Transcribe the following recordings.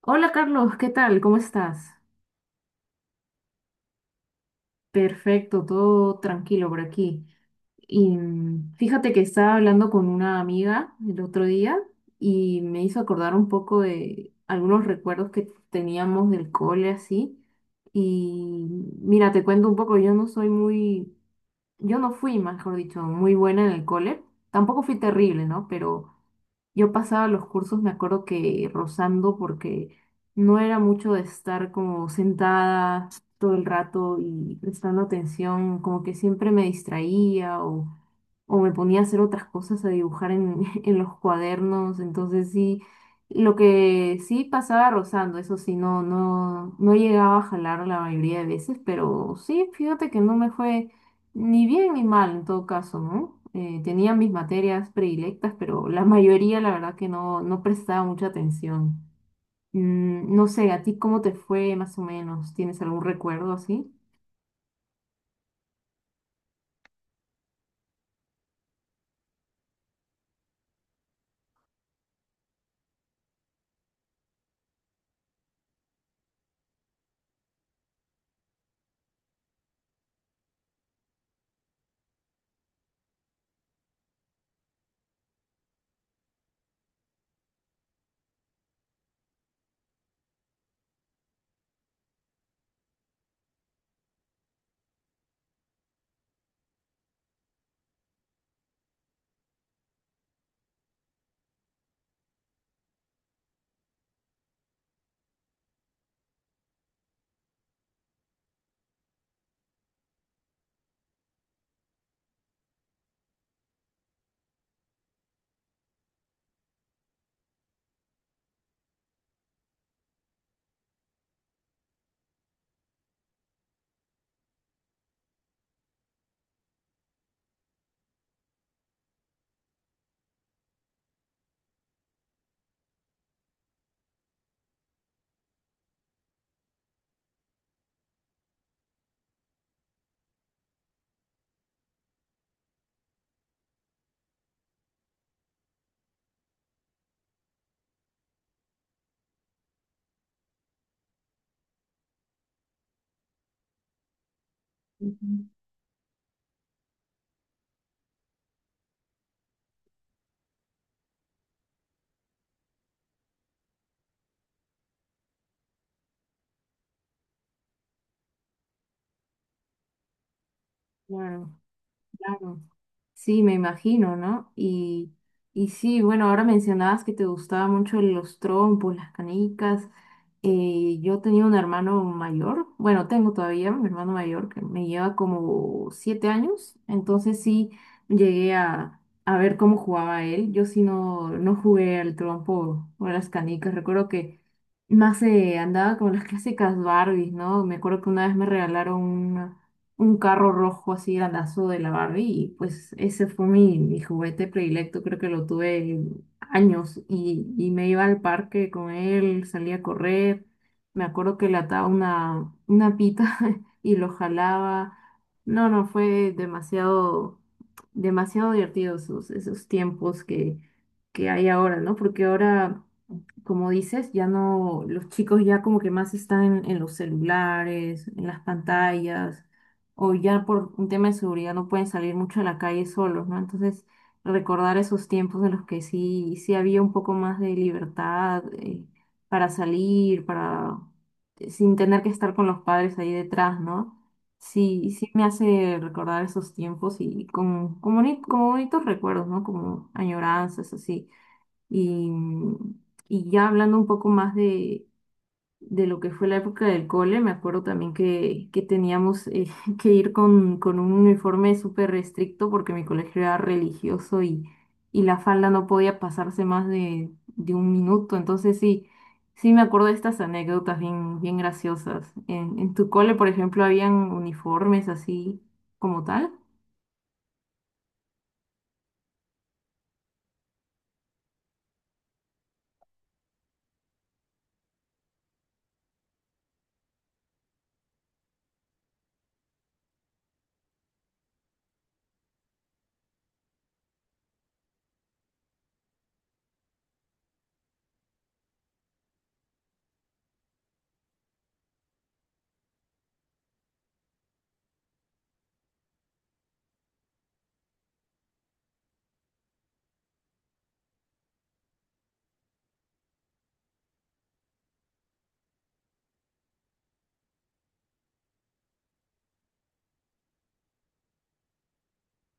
Hola Carlos, ¿qué tal? ¿Cómo estás? Perfecto, todo tranquilo por aquí. Y fíjate que estaba hablando con una amiga el otro día y me hizo acordar un poco de algunos recuerdos que teníamos del cole así. Y mira, te cuento un poco, yo no fui, mejor dicho, muy buena en el cole. Tampoco fui terrible, ¿no? Pero yo pasaba los cursos, me acuerdo que rozando, porque no era mucho de estar como sentada todo el rato y prestando atención, como que siempre me distraía o me ponía a hacer otras cosas, en los cuadernos, entonces sí, lo que sí pasaba rozando, eso sí, no llegaba a jalar la mayoría de veces, pero sí, fíjate que no me fue ni bien ni mal en todo caso, ¿no? Tenía mis materias predilectas, pero la mayoría la verdad que no prestaba mucha atención. No sé, ¿a ti cómo te fue más o menos? ¿Tienes algún recuerdo así? Ujú. Claro, claro. Sí, me imagino, ¿no? Y sí, bueno, ahora mencionabas que te gustaba mucho los trompos, las canicas. Yo tenía un hermano mayor, bueno, tengo todavía un hermano mayor que me lleva como 7 años, entonces sí llegué a ver cómo jugaba él. Yo sí no jugué al trompo o a las canicas, recuerdo que más andaba con las clásicas Barbies, ¿no? Me acuerdo que una vez me regalaron un carro rojo así grandazo de la Barbie y pues ese fue mi juguete predilecto, creo que lo tuve años y me iba al parque con él, salía a correr, me acuerdo que le ataba una pita y lo jalaba, no, no, fue demasiado, demasiado divertido esos, esos tiempos que hay ahora, ¿no? Porque ahora como dices, ya no, los chicos ya como que más están en los celulares, en las pantallas, o ya por un tema de seguridad no pueden salir mucho a la calle solos, ¿no? Entonces, recordar esos tiempos en los que sí, sí había un poco más de libertad para salir, para sin tener que estar con los padres ahí detrás, ¿no? Sí, sí me hace recordar esos tiempos y como bonitos recuerdos, ¿no? Como añoranzas, así. Y, y ya hablando un poco más de lo que fue la época del cole, me acuerdo también que teníamos que ir con un uniforme súper estricto porque mi colegio era religioso y la falda no podía pasarse más de 1 minuto. Entonces sí, sí me acuerdo de estas anécdotas bien, bien graciosas. En tu cole, por ejemplo, habían uniformes así como tal?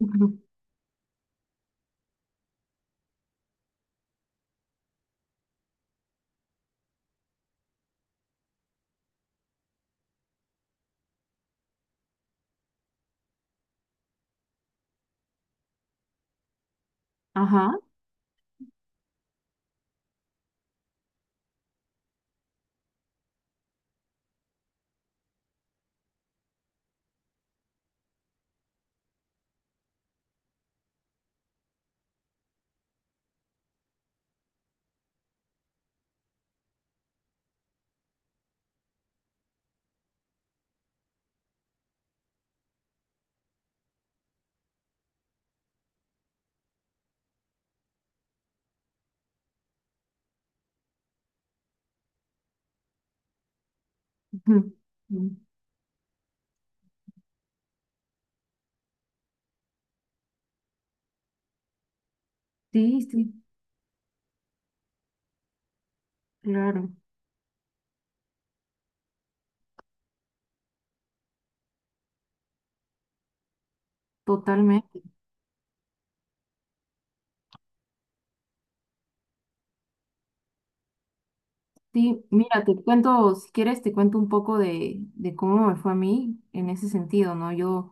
Ujú. Ajá. Ujú. Mm. Sí, sí, claro, totalmente. Sí, mira, te cuento, si quieres, te cuento un poco de cómo me fue a mí en ese sentido, ¿no? Yo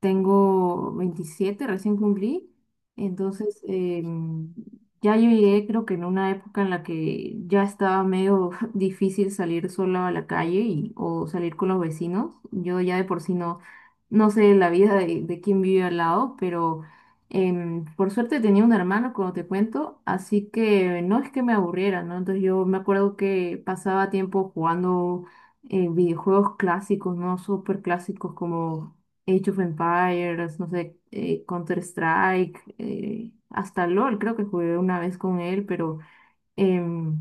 tengo 27 recién cumplí. Entonces, ya yo llegué, creo que en una época en la que ya estaba medio difícil salir sola a la calle y, o salir con los vecinos. Yo ya de por sí no sé la vida de quién vive al lado, pero por suerte tenía un hermano, como te cuento, así que no es que me aburriera, ¿no? Entonces yo me acuerdo que pasaba tiempo jugando videojuegos clásicos, ¿no? Súper clásicos como Age of Empires, no sé, Counter Strike, hasta LOL creo que jugué una vez con él, pero Em,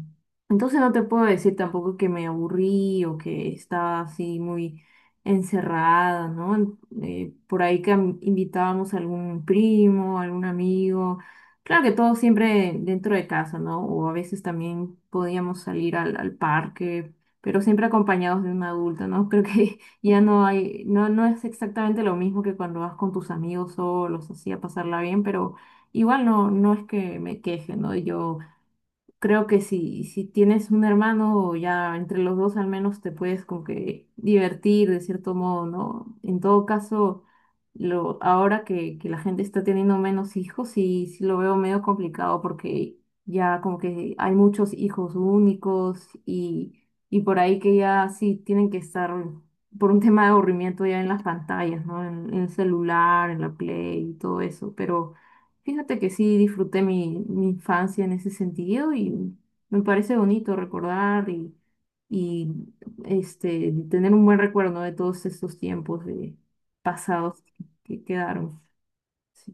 entonces no te puedo decir tampoco que me aburrí o que estaba así muy encerrada, ¿no? Por ahí que invitábamos a algún primo, algún amigo. Claro que todo siempre dentro de casa, ¿no? O a veces también podíamos salir al, al parque, pero siempre acompañados de un adulto, ¿no? Creo que ya no hay, no, no es exactamente lo mismo que cuando vas con tus amigos solos, así a pasarla bien, pero igual no, no es que me queje, ¿no? Yo creo que si, si tienes un hermano, ya entre los dos al menos te puedes como que divertir de cierto modo, ¿no? En todo caso, ahora que la gente está teniendo menos hijos, sí, sí lo veo medio complicado porque ya como que hay muchos hijos únicos y por ahí que ya sí tienen que estar por un tema de aburrimiento ya en las pantallas, ¿no? En el celular, en la Play y todo eso, pero... Fíjate que sí disfruté mi infancia en ese sentido y me parece bonito recordar y este, tener un buen recuerdo, ¿no? De todos estos tiempos de pasados que quedaron. Sí.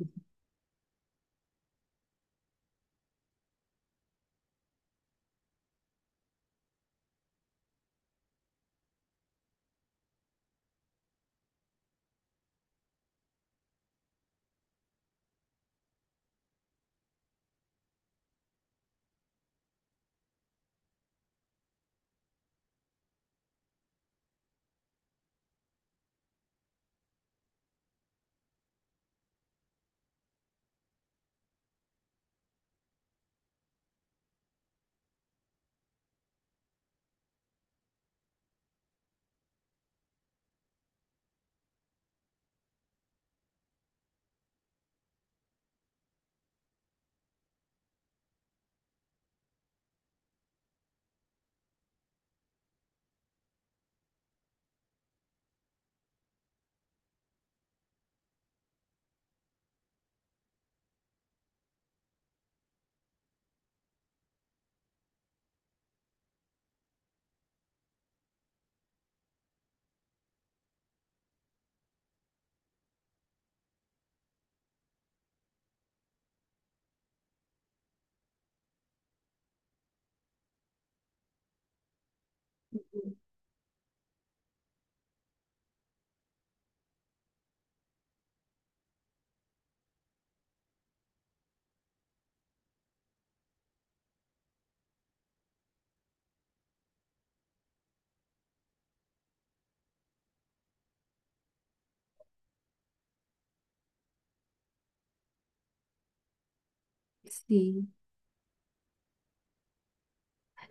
Sí.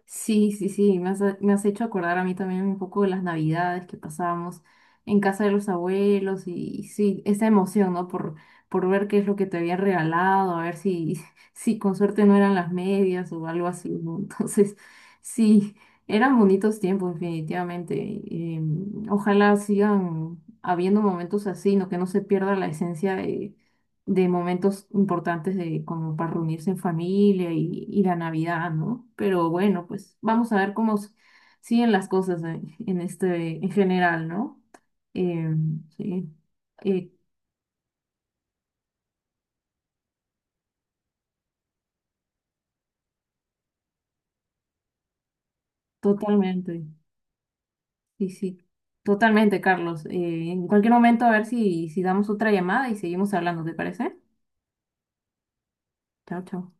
Sí, sí, sí, me has hecho acordar a mí también un poco de las navidades que pasábamos en casa de los abuelos y sí, esa emoción, ¿no? Por ver qué es lo que te habían regalado, a ver si, si con suerte no eran las medias o algo así, ¿no? Entonces, sí, eran bonitos tiempos, definitivamente. Em, ojalá sigan habiendo momentos así, ¿no? Que no se pierda la esencia de momentos importantes de como para reunirse en familia y la Navidad, ¿no? Pero bueno, pues vamos a ver cómo s- siguen las cosas en este en general, ¿no? Eh, sí, eh, totalmente, sí, sí, totalmente, Carlos. En cualquier momento a ver si, si damos otra llamada y seguimos hablando, ¿te parece? Chao, chao.